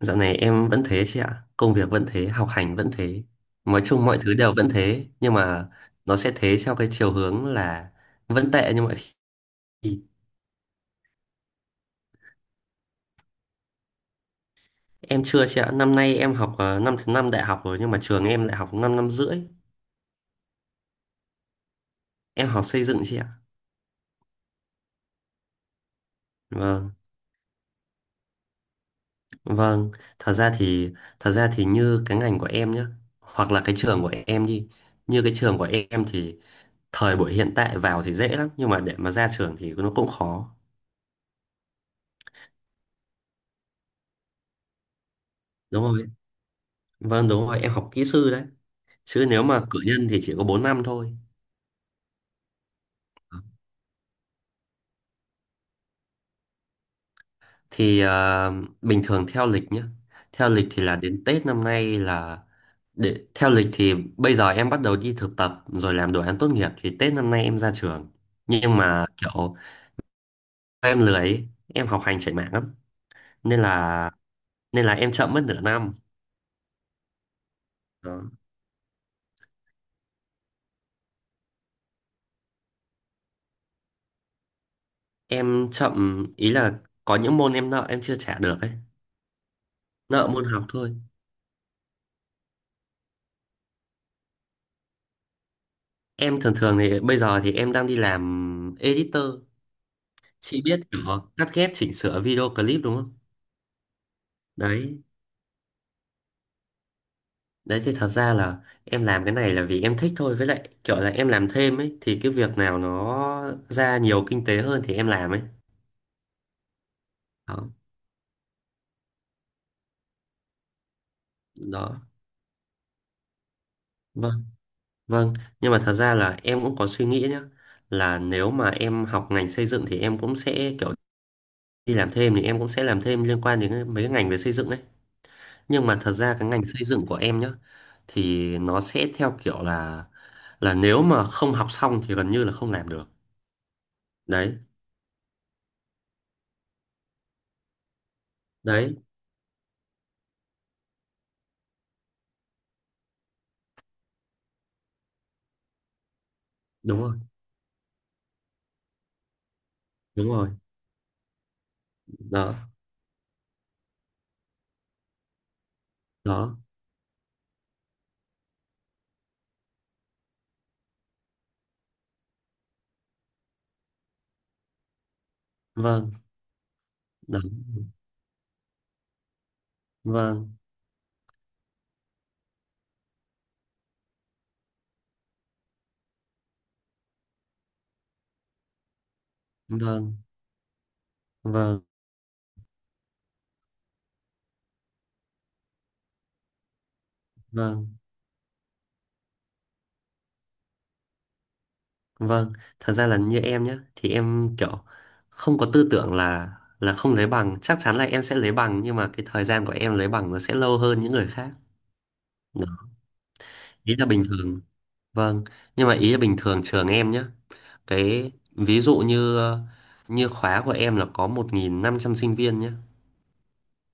Dạo này em vẫn thế chị ạ, công việc vẫn thế, học hành vẫn thế. Nói chung mọi thứ đều vẫn thế, nhưng mà nó sẽ thế theo cái chiều hướng là vẫn tệ như mọi khi. Em chưa chị ạ, năm nay em học năm thứ năm đại học rồi, nhưng mà trường em lại học 5 năm năm rưỡi. Em học xây dựng chị ạ. Vâng, vâng. Thật ra thì thật ra thì như cái ngành của em nhá, hoặc là cái trường của em đi. Như cái trường của em thì thời buổi hiện tại vào thì dễ lắm, nhưng mà để mà ra trường thì nó cũng khó. Đúng rồi. Vâng, đúng rồi, em học kỹ sư đấy, chứ nếu mà cử nhân thì chỉ có 4 năm thôi. thì ờ, Bình thường theo lịch nhé, theo lịch thì là đến Tết năm nay là, để theo lịch thì bây giờ em bắt đầu đi thực tập rồi làm đồ án tốt nghiệp thì Tết năm nay em ra trường, nhưng mà kiểu em lười ấy, em học hành chảy mạng lắm, nên là nên là em chậm mất nửa năm. Đó. Em chậm ý là có những môn em nợ em chưa trả được ấy, nợ môn học thôi. Em thường thường thì bây giờ thì em đang đi làm editor. Chị biết nhỏ cắt ghép chỉnh sửa video clip đúng không? Đấy, đấy thì thật ra là em làm cái này là vì em thích thôi, với lại kiểu là em làm thêm ấy thì cái việc nào nó ra nhiều kinh tế hơn thì em làm ấy. Đó. Đó. Vâng, vâng, nhưng mà thật ra là em cũng có suy nghĩ nhá, là nếu mà em học ngành xây dựng thì em cũng sẽ kiểu đi làm thêm thì em cũng sẽ làm thêm liên quan đến mấy cái ngành về xây dựng ấy. Nhưng mà thật ra cái ngành xây dựng của em nhá thì nó sẽ theo kiểu là nếu mà không học xong thì gần như là không làm được. Đấy, đấy, đúng rồi, đúng rồi. Đó, đó. Vâng, đó. Vâng, vâng, vâng, vâng, vâng. Thật ra là như em nhá thì em kiểu không có tư tưởng là không lấy bằng, chắc chắn là em sẽ lấy bằng nhưng mà cái thời gian của em lấy bằng nó sẽ lâu hơn những người khác. Đó. Ý là bình thường, vâng, nhưng mà ý là bình thường trường em nhé. Cái ví dụ như, như khóa của em là có 1.500 sinh viên nhé.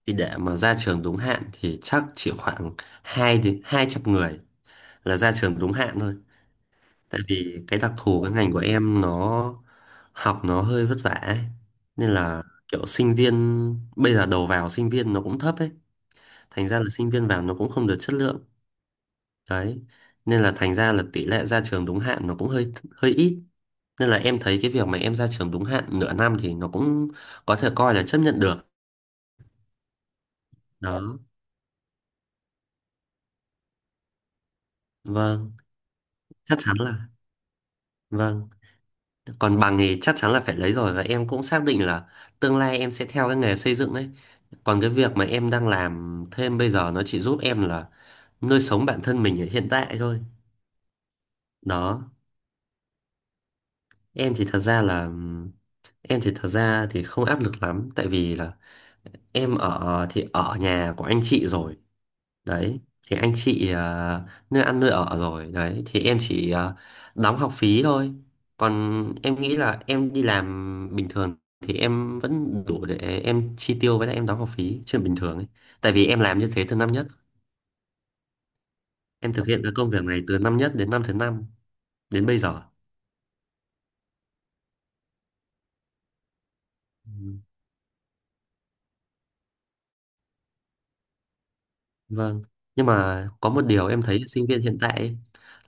Thì để mà ra trường đúng hạn thì chắc chỉ khoảng 2 đến 200 người là ra trường đúng hạn thôi. Tại vì cái đặc thù cái ngành của em nó học nó hơi vất vả ấy. Nên là kiểu sinh viên bây giờ đầu vào sinh viên nó cũng thấp ấy. Thành ra là sinh viên vào nó cũng không được chất lượng. Đấy. Nên là thành ra là tỷ lệ ra trường đúng hạn nó cũng hơi hơi ít. Nên là em thấy cái việc mà em ra trường đúng hạn nửa năm thì nó cũng có thể coi là chấp nhận được. Đó. Vâng, chắc chắn là, vâng. Còn bằng thì chắc chắn là phải lấy rồi và em cũng xác định là tương lai em sẽ theo cái nghề xây dựng ấy. Còn cái việc mà em đang làm thêm bây giờ nó chỉ giúp em là nuôi sống bản thân mình ở hiện tại thôi. Đó, em thì thật ra là em thì thật ra thì không áp lực lắm tại vì là em ở thì ở nhà của anh chị rồi, đấy thì anh chị nơi ăn nơi ở rồi, đấy thì em chỉ đóng học phí thôi, còn em nghĩ là em đi làm bình thường thì em vẫn đủ để em chi tiêu với lại em đóng học phí chuyện bình thường ấy, tại vì em làm như thế từ năm nhất, em thực hiện cái công việc này từ năm nhất đến năm thứ năm đến bây giờ. Ừ, vâng, nhưng mà có một điều em thấy sinh viên hiện tại ấy,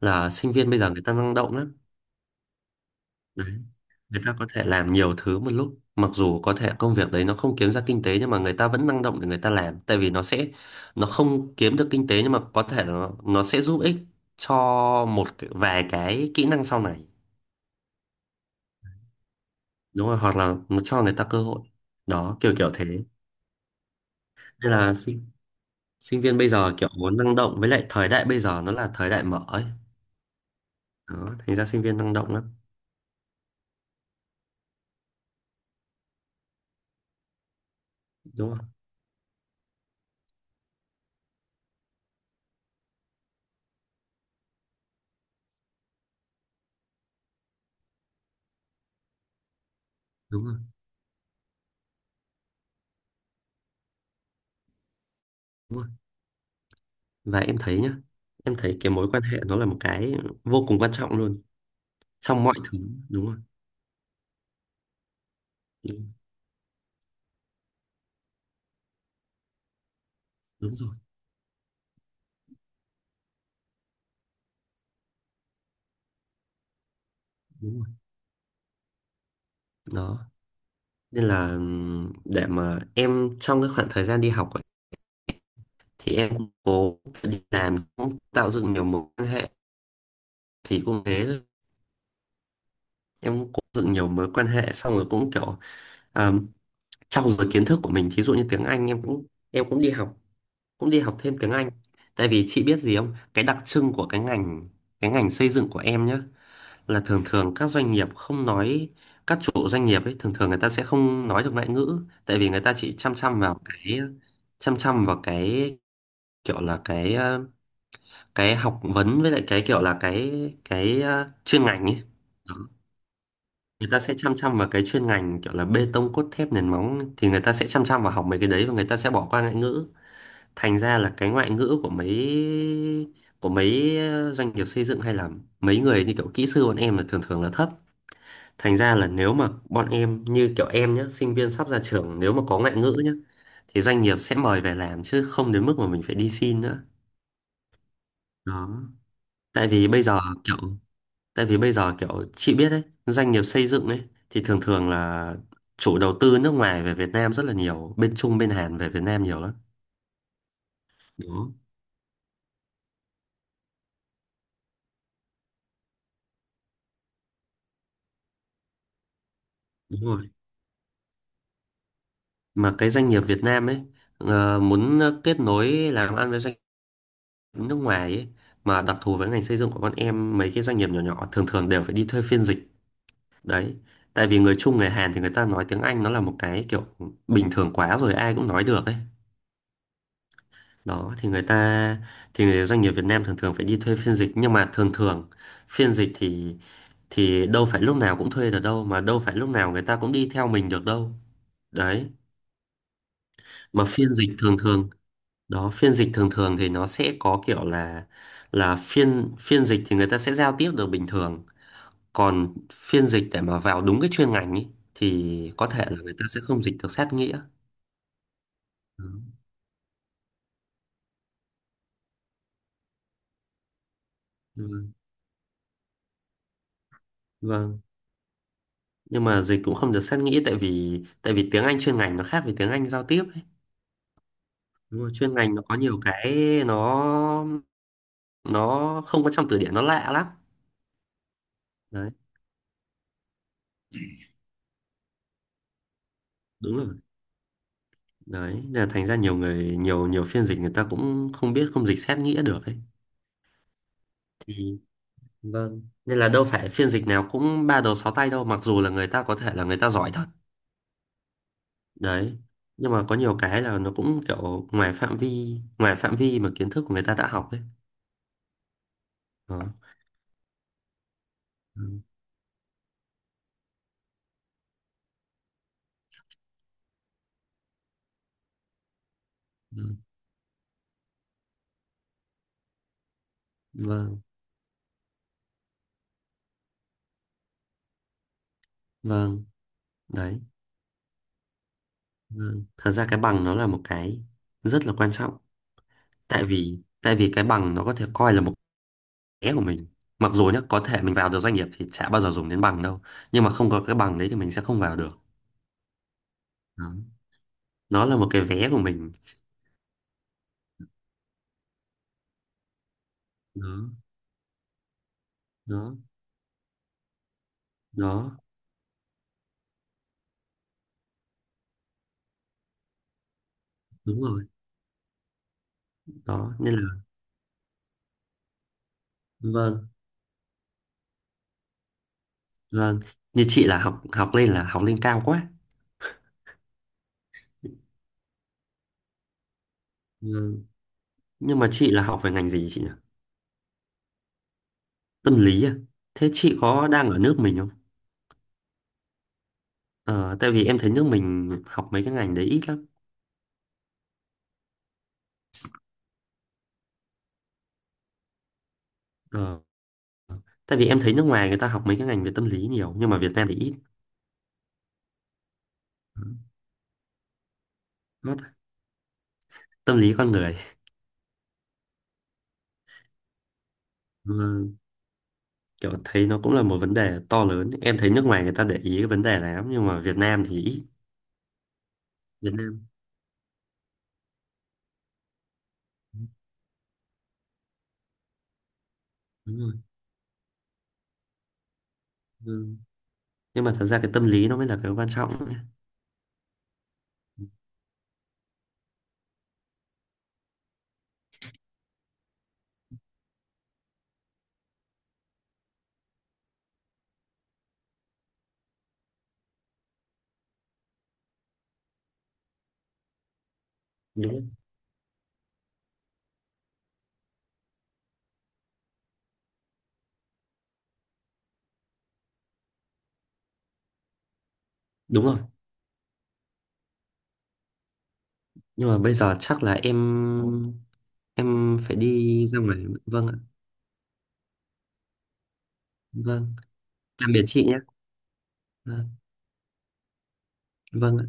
là sinh viên bây giờ người ta năng động lắm, người ta có thể làm nhiều thứ một lúc mặc dù có thể công việc đấy nó không kiếm ra kinh tế nhưng mà người ta vẫn năng động để người ta làm, tại vì nó sẽ, nó không kiếm được kinh tế nhưng mà có thể nó sẽ giúp ích cho vài cái kỹ năng sau này. Đúng rồi, hoặc là nó cho người ta cơ hội, đó kiểu kiểu thế, nên là sinh sinh viên bây giờ kiểu muốn năng động với lại thời đại bây giờ nó là thời đại mở ấy, đó thành ra sinh viên năng động lắm. Đúng không? Đúng rồi, đúng rồi, và em thấy nhá, em thấy cái mối quan hệ nó là một cái vô cùng quan trọng luôn trong mọi thứ, đúng rồi, đúng, đúng rồi, đúng rồi. Đó nên là, để mà em trong cái khoảng thời gian đi học ấy, thì em cũng cố đi làm cũng tạo dựng nhiều mối quan hệ thì cũng thế thôi. Em cũng cố dựng nhiều mối quan hệ xong rồi cũng kiểu um, trau dồi kiến thức của mình, thí dụ như tiếng Anh em cũng, em cũng đi học, cũng đi học thêm tiếng Anh. Tại vì chị biết gì không, cái đặc trưng của cái ngành xây dựng của em nhá là thường thường các doanh nghiệp không nói, các chủ doanh nghiệp ấy thường thường người ta sẽ không nói được ngoại ngữ, tại vì người ta chỉ chăm chăm vào cái kiểu là cái cái học vấn với lại cái kiểu là cái chuyên ngành ấy. Đó, người ta sẽ chăm chăm vào cái chuyên ngành kiểu là bê tông cốt thép nền móng, thì người ta sẽ chăm chăm vào học mấy cái đấy và người ta sẽ bỏ qua ngoại ngữ. Thành ra là cái ngoại ngữ của mấy, của mấy doanh nghiệp xây dựng hay là mấy người như kiểu kỹ sư bọn em là thường thường là thấp. Thành ra là nếu mà bọn em như kiểu em nhé, sinh viên sắp ra trường nếu mà có ngoại ngữ nhé, thì doanh nghiệp sẽ mời về làm chứ không đến mức mà mình phải đi xin nữa. Đó. Tại vì bây giờ kiểu tại vì bây giờ kiểu chị biết đấy, doanh nghiệp xây dựng ấy thì thường thường là chủ đầu tư nước ngoài về Việt Nam rất là nhiều, bên Trung bên Hàn về Việt Nam nhiều lắm. Đó, đúng rồi. Mà cái doanh nghiệp Việt Nam ấy muốn kết nối làm ăn với doanh nghiệp nước ngoài ấy, mà đặc thù với ngành xây dựng của bọn em mấy cái doanh nghiệp nhỏ nhỏ thường thường đều phải đi thuê phiên dịch đấy, tại vì người Trung người Hàn thì người ta nói tiếng Anh nó là một cái kiểu bình thường quá rồi ai cũng nói được ấy. Đó thì người ta, thì người doanh nghiệp Việt Nam thường thường phải đi thuê phiên dịch, nhưng mà thường thường phiên dịch thì đâu phải lúc nào cũng thuê được đâu mà đâu phải lúc nào người ta cũng đi theo mình được đâu. Đấy, mà phiên dịch thường thường, đó phiên dịch thường thường thì nó sẽ có kiểu là phiên phiên dịch thì người ta sẽ giao tiếp được bình thường, còn phiên dịch để mà vào đúng cái chuyên ngành ý, thì có thể là người ta sẽ không dịch được sát nghĩa. Ừ, vâng, vâng. Nhưng mà dịch cũng không được sát nghĩa tại vì tiếng Anh chuyên ngành nó khác với tiếng Anh giao tiếp ấy. Đúng rồi, chuyên ngành nó có nhiều cái, nó nó không có trong từ điển nó lạ lắm. Đấy, đúng rồi, đấy nên là thành ra nhiều phiên dịch người ta cũng không biết, không dịch sát nghĩa được ấy, thì vâng, nên là đâu phải phiên dịch nào cũng ba đầu sáu tay đâu, mặc dù là người ta có thể là người ta giỏi thật đấy, nhưng mà có nhiều cái là nó cũng kiểu ngoài phạm vi mà kiến thức của người ta đã học ấy. Đó. Ừ, ừ, vâng, vâng. Đấy, vâng, thật ra cái bằng nó là một cái rất là quan trọng, tại vì cái bằng nó có thể coi là một cái của mình, mặc dù nhá có thể mình vào được doanh nghiệp thì chả bao giờ dùng đến bằng đâu nhưng mà không có cái bằng đấy thì mình sẽ không vào được. Đó. Nó là một cái vé của mình. Đó, đó, đó, đúng rồi. Đó nên là, vâng, vâng, như chị là học học lên là học lên cao quá. Ừ. Nhưng mà chị là học về ngành gì chị nhỉ? Tâm lý à? Thế chị có đang ở nước mình không? Ờ, tại vì em thấy nước mình học mấy cái ngành đấy ít lắm. Ờ, tại vì em thấy nước ngoài người ta học mấy cái ngành về tâm lý nhiều, nhưng mà Việt Nam thì ít. Ừ. Nó- Tâm lý con người. Ừ, kiểu thấy nó cũng là một vấn đề to lớn. Em thấy nước ngoài người ta để ý cái vấn đề này lắm, nhưng mà Việt Nam thì ít. Việt Nam. Đúng rồi. Ừ. Nhưng mà thật ra cái tâm lý nó mới là cái quan trọng ấy. Đúng. Đúng rồi. Nhưng mà bây giờ chắc là em phải đi ra ngoài. Vâng ạ. Vâng, tạm biệt chị nhé. Vâng, vâng.